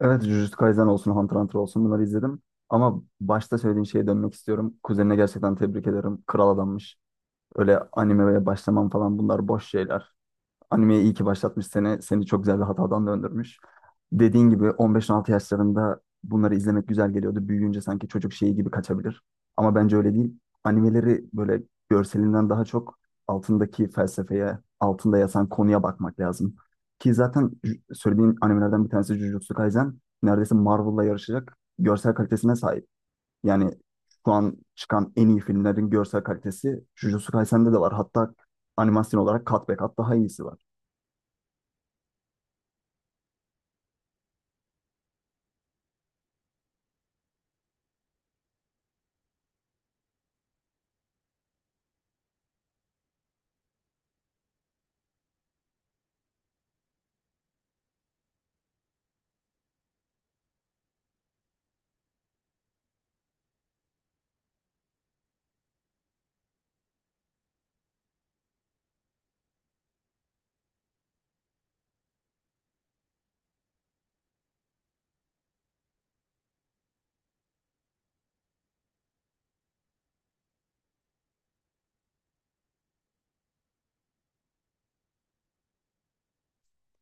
Evet, Jujutsu Kaisen olsun, Hunter x Hunter olsun bunları izledim. Ama başta söylediğin şeye dönmek istiyorum. Kuzenine gerçekten tebrik ederim. Kral adammış. Öyle animeye başlamam falan bunlar boş şeyler. Animeyi iyi ki başlatmış seni. Seni çok güzel bir hatadan döndürmüş. Dediğin gibi 15-16 yaşlarında bunları izlemek güzel geliyordu. Büyüyünce sanki çocuk şeyi gibi kaçabilir. Ama bence öyle değil. Animeleri böyle görselinden daha çok altındaki felsefeye, altında yatan konuya bakmak lazım. Ki zaten söylediğin animelerden bir tanesi Jujutsu Kaisen. Neredeyse Marvel'la yarışacak görsel kalitesine sahip. Yani şu an çıkan en iyi filmlerin görsel kalitesi Jujutsu Kaisen'de de var. Hatta animasyon olarak kat be kat daha iyisi var.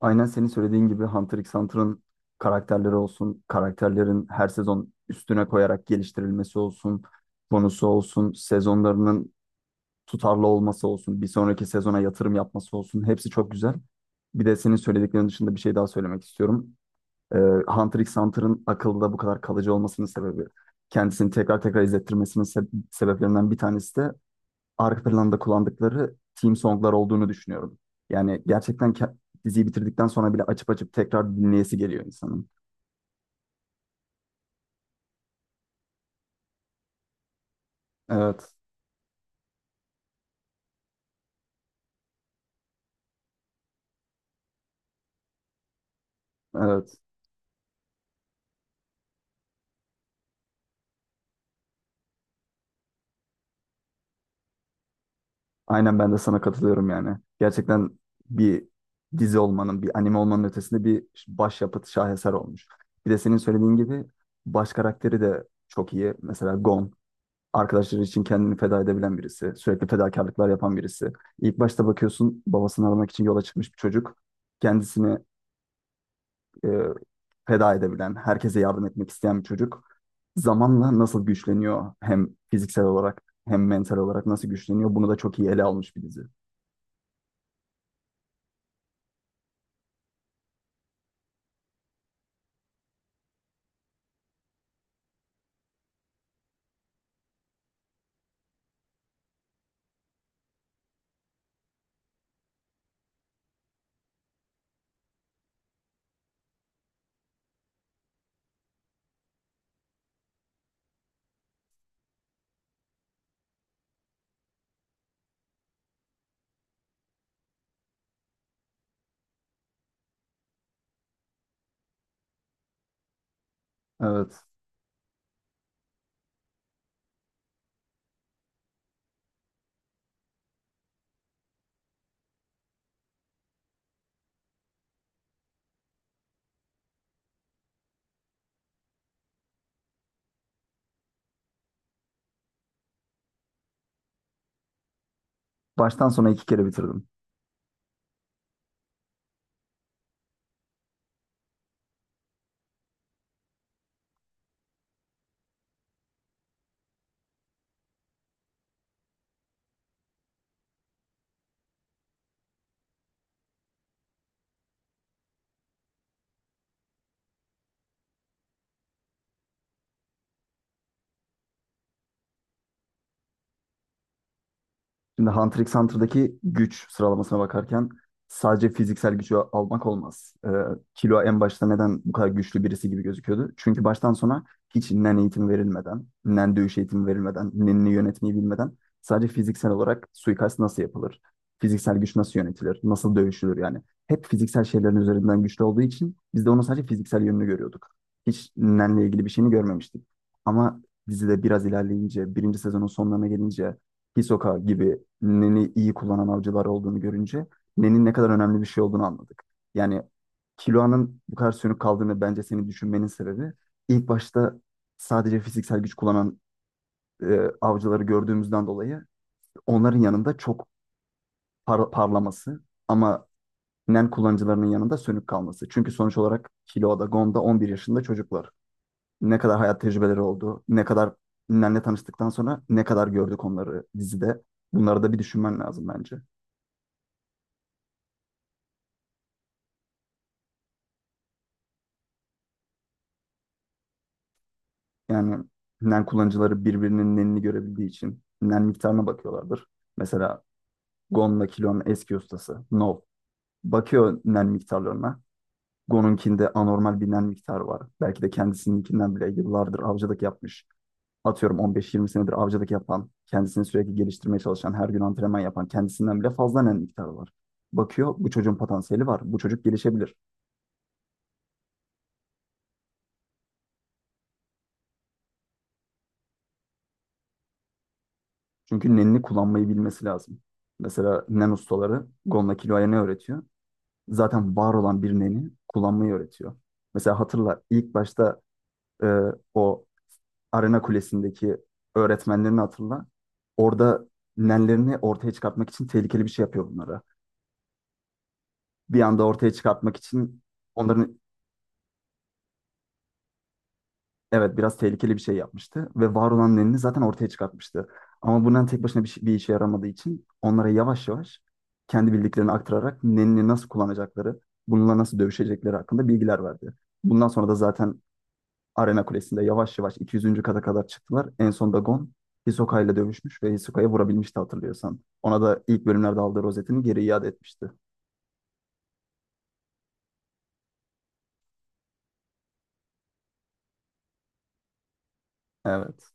Aynen senin söylediğin gibi Hunter x Hunter'ın karakterleri olsun, karakterlerin her sezon üstüne koyarak geliştirilmesi olsun, konusu olsun, sezonlarının tutarlı olması olsun, bir sonraki sezona yatırım yapması olsun. Hepsi çok güzel. Bir de senin söylediklerin dışında bir şey daha söylemek istiyorum. Ee, Hunter x Hunter'ın akılda bu kadar kalıcı olmasının sebebi, kendisini tekrar tekrar izlettirmesinin sebeplerinden bir tanesi de arka planda kullandıkları theme songlar olduğunu düşünüyorum. Yani gerçekten diziyi bitirdikten sonra bile açıp açıp tekrar dinleyesi geliyor insanın. Evet, evet. Aynen ben de sana katılıyorum yani. Gerçekten bir dizi olmanın, bir anime olmanın ötesinde bir başyapıt, şaheser olmuş. Bir de senin söylediğin gibi baş karakteri de çok iyi. Mesela Gon, arkadaşları için kendini feda edebilen birisi, sürekli fedakarlıklar yapan birisi. İlk başta bakıyorsun babasını aramak için yola çıkmış bir çocuk. Kendisini e, feda edebilen, herkese yardım etmek isteyen bir çocuk zamanla nasıl güçleniyor, hem fiziksel olarak hem mental olarak nasıl güçleniyor bunu da çok iyi ele almış bir dizi. Evet. Baştan sona iki kere bitirdim. Şimdi Hunter x Hunter'daki güç sıralamasına bakarken sadece fiziksel gücü almak olmaz. Killua en başta neden bu kadar güçlü birisi gibi gözüküyordu? Çünkü baştan sona hiç nen eğitimi verilmeden, nen dövüş eğitimi verilmeden, nenini yönetmeyi bilmeden sadece fiziksel olarak suikast nasıl yapılır, fiziksel güç nasıl yönetilir, nasıl dövüşülür yani. Hep fiziksel şeylerin üzerinden güçlü olduğu için biz de onun sadece fiziksel yönünü görüyorduk. Hiç nenle ilgili bir şeyini görmemiştik. Ama dizide biraz ilerleyince, birinci sezonun sonlarına gelince, Hisoka gibi Nen'i iyi kullanan avcılar olduğunu görünce Nen'in ne kadar önemli bir şey olduğunu anladık. Yani Kiloa'nın bu kadar sönük kaldığını bence senin düşünmenin sebebi ilk başta sadece fiziksel güç kullanan avcıları gördüğümüzden dolayı onların yanında çok parlaması ama Nen kullanıcılarının yanında sönük kalması. Çünkü sonuç olarak Kiloa'da, Gon'da 11 yaşında çocuklar. Ne kadar hayat tecrübeleri oldu, ne kadar Nen'le tanıştıktan sonra ne kadar gördük onları dizide. Bunları da bir düşünmen lazım bence. Yani NEN kullanıcıları birbirinin NEN'ini görebildiği için NEN miktarına bakıyorlardır. Mesela Gon'la Kilo'nun eski ustası Nov bakıyor NEN miktarlarına. Gon'unkinde anormal bir NEN miktarı var. Belki de kendisininkinden bile yıllardır avcılık yapmış. Atıyorum 15-20 senedir avcılık yapan, kendisini sürekli geliştirmeye çalışan, her gün antrenman yapan kendisinden bile fazla NEN miktarı var. Bakıyor, bu çocuğun potansiyeli var. Bu çocuk gelişebilir. Çünkü NEN'ini kullanmayı bilmesi lazım. Mesela NEN ustaları Gon'la Kilo'ya ne öğretiyor? Zaten var olan bir neni kullanmayı öğretiyor. Mesela hatırla, ilk başta e, o Arena Kulesi'ndeki öğretmenlerini hatırla. Orada nenlerini ortaya çıkartmak için tehlikeli bir şey yapıyor bunlara. Bir anda ortaya çıkartmak için onların, evet, biraz tehlikeli bir şey yapmıştı ve var olan nenini zaten ortaya çıkartmıştı. Ama bundan tek başına bir işe yaramadığı için onlara yavaş yavaş kendi bildiklerini aktararak nenini nasıl kullanacakları, bununla nasıl dövüşecekleri hakkında bilgiler verdi. Bundan sonra da zaten Arena Kulesi'nde yavaş yavaş 200. kata kadar çıktılar. En son da Gon Hisoka ile dövüşmüş ve Hisoka'yı vurabilmişti hatırlıyorsan. Ona da ilk bölümlerde aldığı rozetini geri iade etmişti. Evet.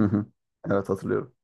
Hı hı. Evet, hatırlıyorum.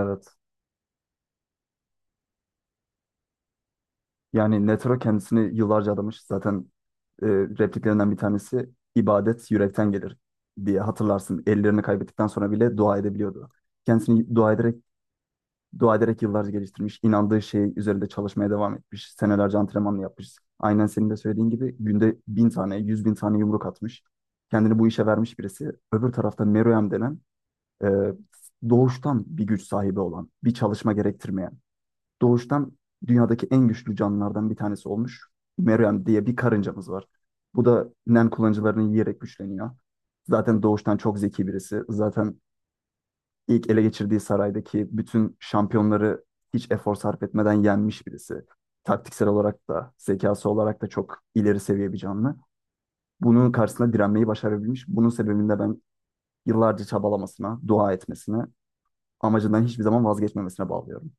Evet. Yani Netero kendisini yıllarca adamış. Zaten repliklerinden bir tanesi ibadet yürekten gelir diye hatırlarsın. Ellerini kaybettikten sonra bile dua edebiliyordu. Kendisini dua ederek dua ederek yıllarca geliştirmiş, inandığı şey üzerinde çalışmaya devam etmiş, senelerce antrenmanla yapmış. Aynen senin de söylediğin gibi günde 1.000 tane, 100.000 tane yumruk atmış. Kendini bu işe vermiş birisi. Öbür tarafta Meruem denen e, doğuştan bir güç sahibi olan, bir çalışma gerektirmeyen, doğuştan dünyadaki en güçlü canlılardan bir tanesi olmuş. Meruem diye bir karıncamız var. Bu da Nen kullanıcılarını yiyerek güçleniyor. Zaten doğuştan çok zeki birisi. Zaten ilk ele geçirdiği saraydaki bütün şampiyonları hiç efor sarf etmeden yenmiş birisi. Taktiksel olarak da, zekası olarak da çok ileri seviye bir canlı. Bunun karşısında direnmeyi başarabilmiş. Bunun sebebini de ben yıllarca çabalamasına, dua etmesine, amacından hiçbir zaman vazgeçmemesine bağlıyorum.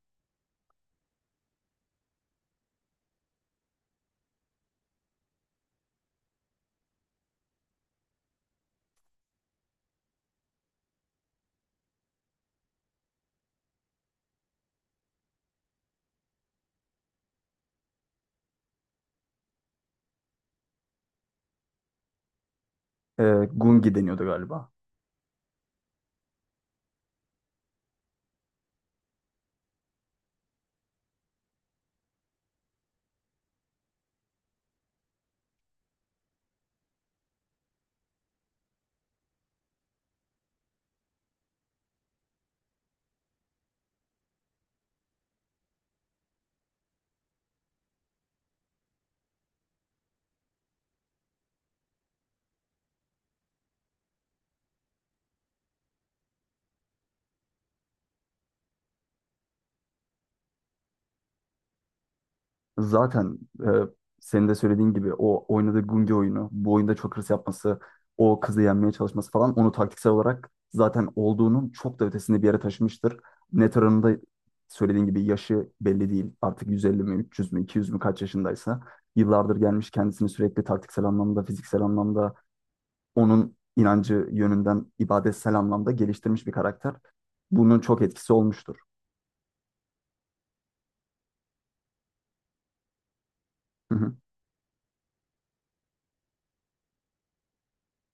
Ee, Gungi deniyordu galiba. Zaten, senin de söylediğin gibi o oynadığı Gungi oyunu, bu oyunda çok hırs yapması, o kızı yenmeye çalışması falan onu taktiksel olarak zaten olduğunun çok da ötesinde bir yere taşımıştır. Net oranında söylediğin gibi yaşı belli değil. Artık 150 mi, 300 mü, 200 mü kaç yaşındaysa yıllardır gelmiş kendisini sürekli taktiksel anlamda, fiziksel anlamda, onun inancı yönünden ibadetsel anlamda geliştirmiş bir karakter. Bunun çok etkisi olmuştur. Hı hı.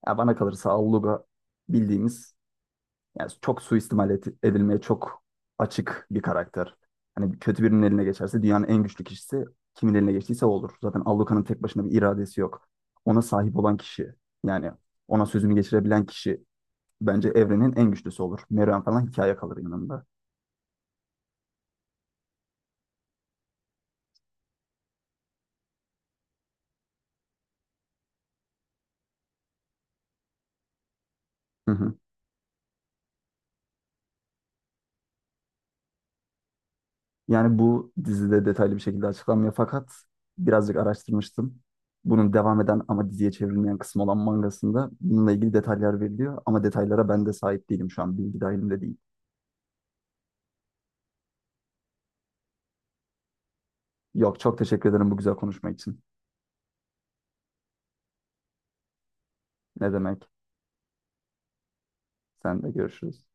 Ya bana kalırsa Alluga bildiğimiz, yani çok suistimal edilmeye çok açık bir karakter. Hani kötü birinin eline geçerse dünyanın en güçlü kişisi kimin eline geçtiyse o olur. Zaten Alluka'nın tek başına bir iradesi yok. Ona sahip olan kişi, yani ona sözünü geçirebilen kişi bence evrenin en güçlüsü olur. Meruem falan hikaye kalır yanında. Hı hı. Yani bu dizide detaylı bir şekilde açıklanmıyor, fakat birazcık araştırmıştım. Bunun devam eden ama diziye çevrilmeyen kısmı olan mangasında bununla ilgili detaylar veriliyor ama detaylara ben de sahip değilim şu an, bilgi dahilimde değil. Yok, çok teşekkür ederim bu güzel konuşma için. Ne demek? Sen de görüşürüz.